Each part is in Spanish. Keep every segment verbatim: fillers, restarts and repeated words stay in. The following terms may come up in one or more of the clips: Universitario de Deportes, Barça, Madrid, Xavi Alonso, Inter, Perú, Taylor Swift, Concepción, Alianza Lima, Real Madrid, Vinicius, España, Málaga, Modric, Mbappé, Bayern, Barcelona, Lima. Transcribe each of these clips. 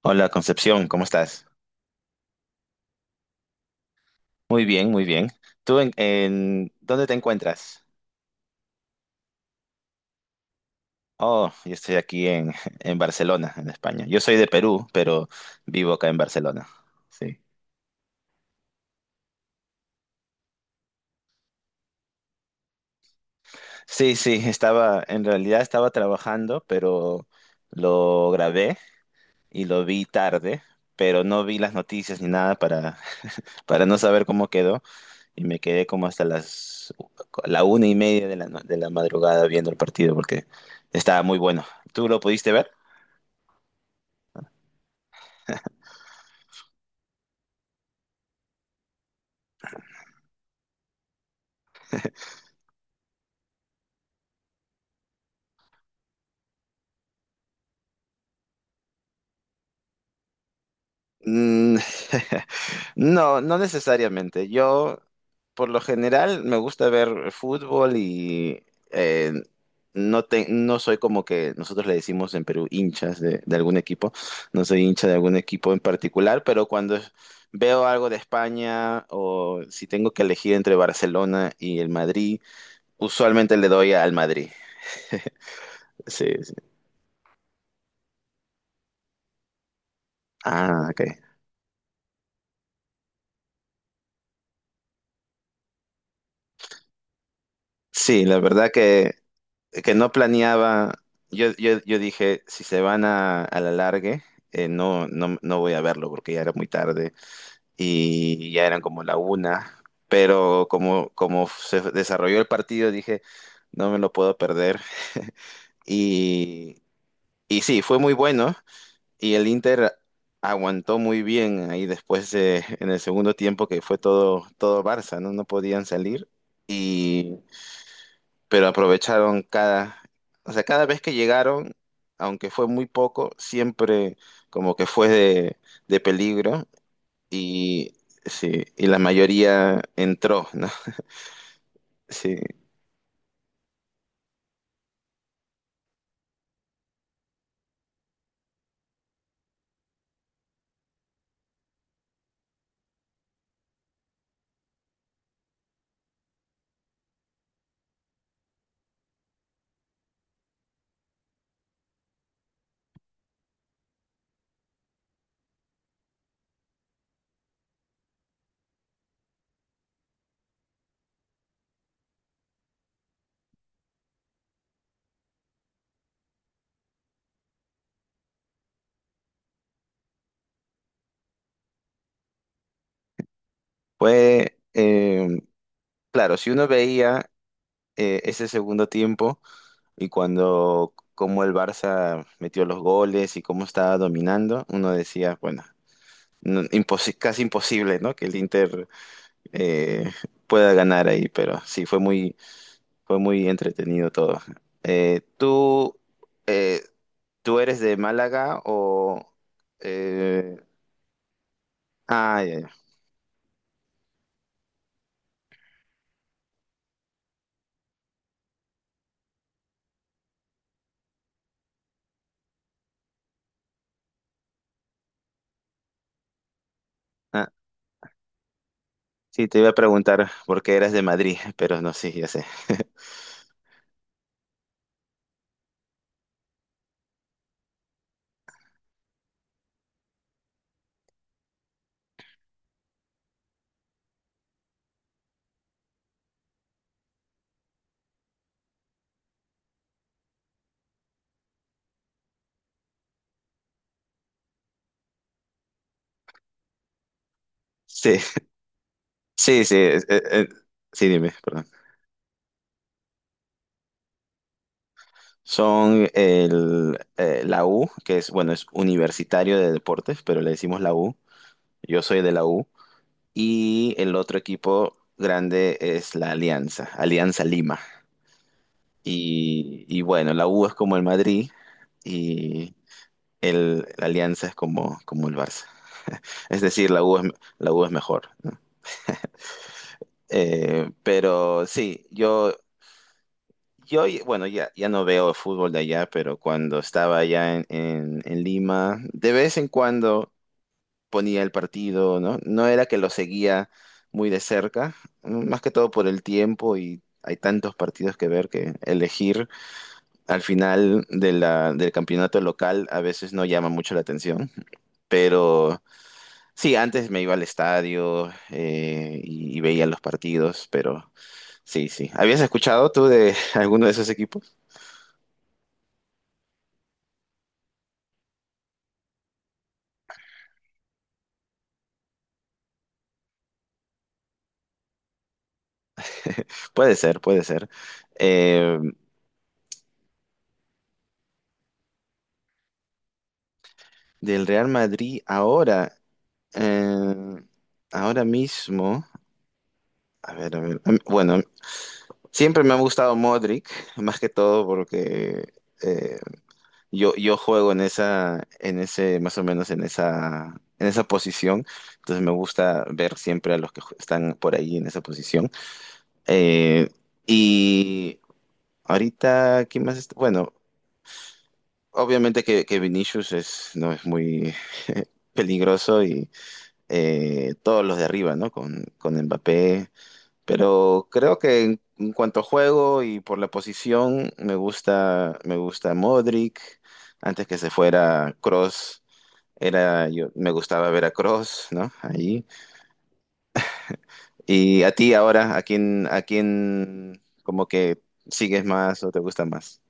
Hola Concepción, ¿cómo estás? Muy bien, muy bien. ¿Tú en, en- dónde te encuentras? Oh, yo estoy aquí en, en Barcelona, en España. Yo soy de Perú, pero vivo acá en Barcelona. Sí. Sí, sí, estaba, en realidad estaba trabajando, pero lo grabé y lo vi tarde, pero no vi las noticias ni nada para, para no saber cómo quedó y me quedé como hasta las la una y media de la, no- de la madrugada viendo el partido porque estaba muy bueno. ¿Tú lo pudiste ver? Mm, No, no necesariamente. Yo, por lo general, me gusta ver fútbol y eh, no, te- no soy como que nosotros le decimos en Perú hinchas de, de algún equipo. No soy hincha de algún equipo en particular, pero cuando veo algo de España o si tengo que elegir entre Barcelona y el Madrid, usualmente le doy al Madrid. Sí, sí. Ah, ok. Sí, la verdad que no planeaba, yo, yo, yo dije, si se van a, a la largue, eh, no, no, no voy a verlo porque ya era muy tarde y ya eran como la una, pero como, como se desarrolló el partido, dije, no me lo puedo perder. Y, y sí, fue muy bueno y el Inter aguantó muy bien ahí después de- en el segundo tiempo que fue todo, todo Barça, ¿no? No podían salir, pero aprovecharon cada, o sea, cada vez que llegaron, aunque fue muy poco, siempre como que fue de, de peligro y, sí, y la mayoría entró, ¿no? Sí, fue, eh, claro, si uno veía eh, ese segundo tiempo y cuando, cómo el Barça metió los goles y cómo estaba dominando, uno decía, bueno. No- imposi- casi imposible, ¿no? Que el Inter eh, pueda ganar ahí, pero sí, fue muy, fue muy entretenido todo. Eh, ¿tú, eh, Tú eres de Málaga o...? eh, ah, ya, ya. Ah, sí, te iba a preguntar por qué eras de Madrid, pero no, sí, ya sé. Sí, sí, sí. Eh, eh, sí, dime, perdón. Son el, eh, la U, que es, bueno, es Universitario de Deportes, pero le decimos la U. Yo soy de la U. Y el otro equipo grande es la Alianza, Alianza Lima. Y, y bueno, la U es como el Madrid y el, la Alianza es como, como el Barça. Es decir, la U es, la U es mejor, ¿no? Eh, pero sí, yo, yo, bueno, ya, ya no veo el fútbol de allá, pero cuando estaba allá en, en, en Lima, de vez en cuando ponía el partido, ¿no? No era que lo seguía muy de cerca, más que todo por el tiempo y hay tantos partidos que ver que elegir al final de la, del campeonato local a veces no llama mucho la atención, pero sí, antes me iba al estadio eh, y, y veía los partidos, pero sí, sí. ¿Habías escuchado tú de alguno de esos equipos? Puede ser, puede ser. Eh, del Real Madrid ahora, eh, ahora mismo, a ver, a ver, bueno, siempre me ha gustado Modric, más que todo porque... eh, Yo, yo juego en esa, en ese, más o menos en esa, en esa posición. Entonces me gusta ver siempre a los que ju- están por ahí en esa posición. Eh, y ahorita, ¿quién más está? Bueno, obviamente que, que Vinicius es, no es muy peligroso y eh, todos los de arriba, ¿no? Con, con Mbappé. Pero creo que en, en cuanto a juego y por la posición, me gusta, me gusta Modric, antes que se fuera Cross. Era, yo me gustaba Veracruz, ¿no? Ahí. Y a ti ahora, ¿a quién, a quién como que sigues más o te gusta más?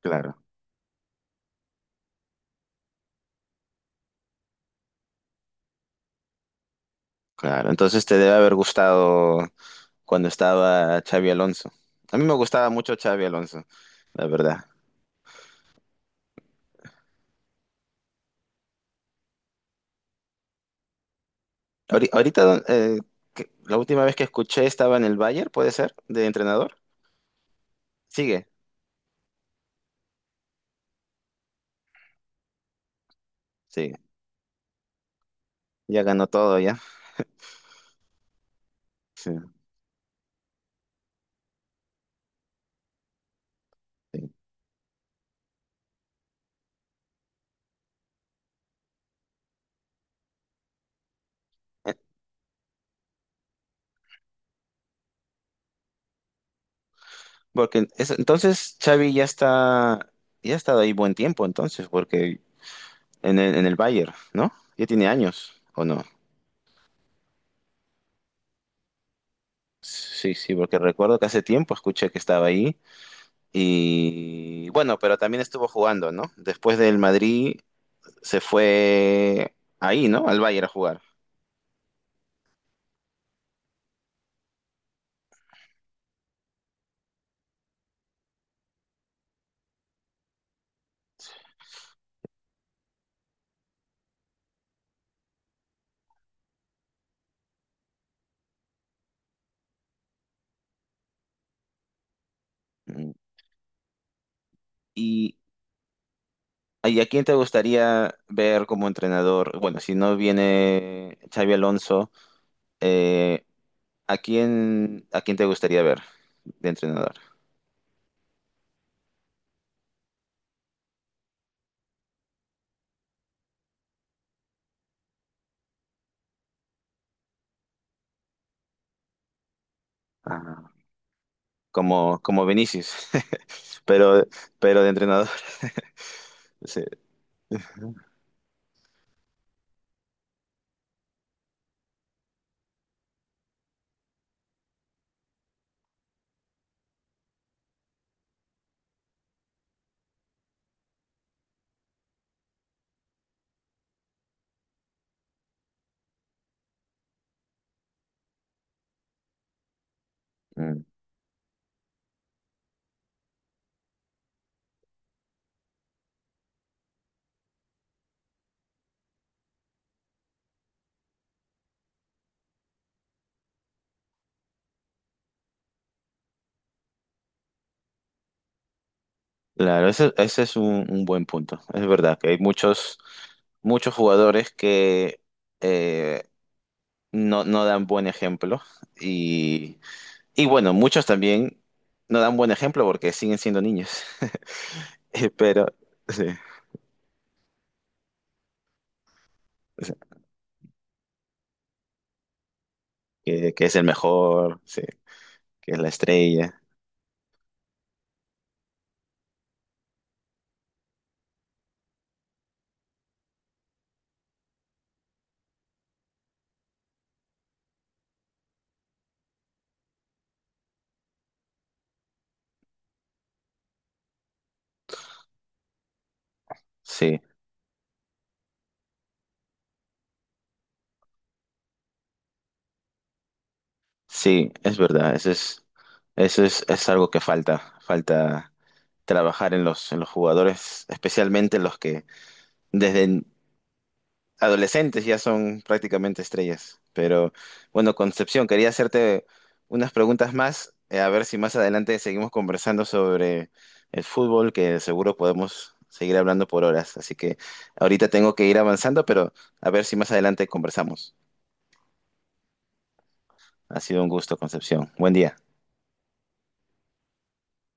Claro, claro. Entonces te debe haber gustado cuando estaba Xavi Alonso. A mí me gustaba mucho Xavi Alonso, la verdad. Ahori- Ahorita, eh, que- la última vez que escuché estaba en el Bayern, ¿puede ser? De entrenador. Sigue, sigue. Ya ganó todo, ya. Sí, sí. Porque es- entonces Xavi ya está, ya ha estado ahí buen tiempo entonces, porque en el, en el Bayern, ¿no? Ya tiene años, ¿o no? Sí, sí, porque recuerdo que hace tiempo escuché que estaba ahí y bueno, pero también estuvo jugando, ¿no? Después del Madrid se fue ahí, ¿no? Al Bayern a jugar. Mm. ¿Y, y a quién te gustaría ver como entrenador? Bueno, si no viene Xavi Alonso, eh, ¿a quién, a quién te gustaría ver de entrenador? Ah, como, como Vinicius, pero, pero de entrenador. Sí. Mm. Claro, ese, ese es un, un buen punto. Es verdad que hay muchos, muchos jugadores que eh, no, no dan buen ejemplo y, y bueno, muchos también no dan buen ejemplo porque siguen siendo niños. Eh, pero sí, o sea, que, que es el mejor, sí, que es la estrella, sí. Sí, es verdad, eso es, eso es, es algo que falta, falta trabajar en los, en los jugadores, especialmente los que desde adolescentes ya son prácticamente estrellas. Pero bueno, Concepción, quería hacerte unas preguntas más, eh, a ver si más adelante seguimos conversando sobre el fútbol, que seguro podemos seguir hablando por horas. Así que ahorita tengo que ir avanzando, pero a ver si más adelante conversamos. Ha sido un gusto, Concepción. Buen día.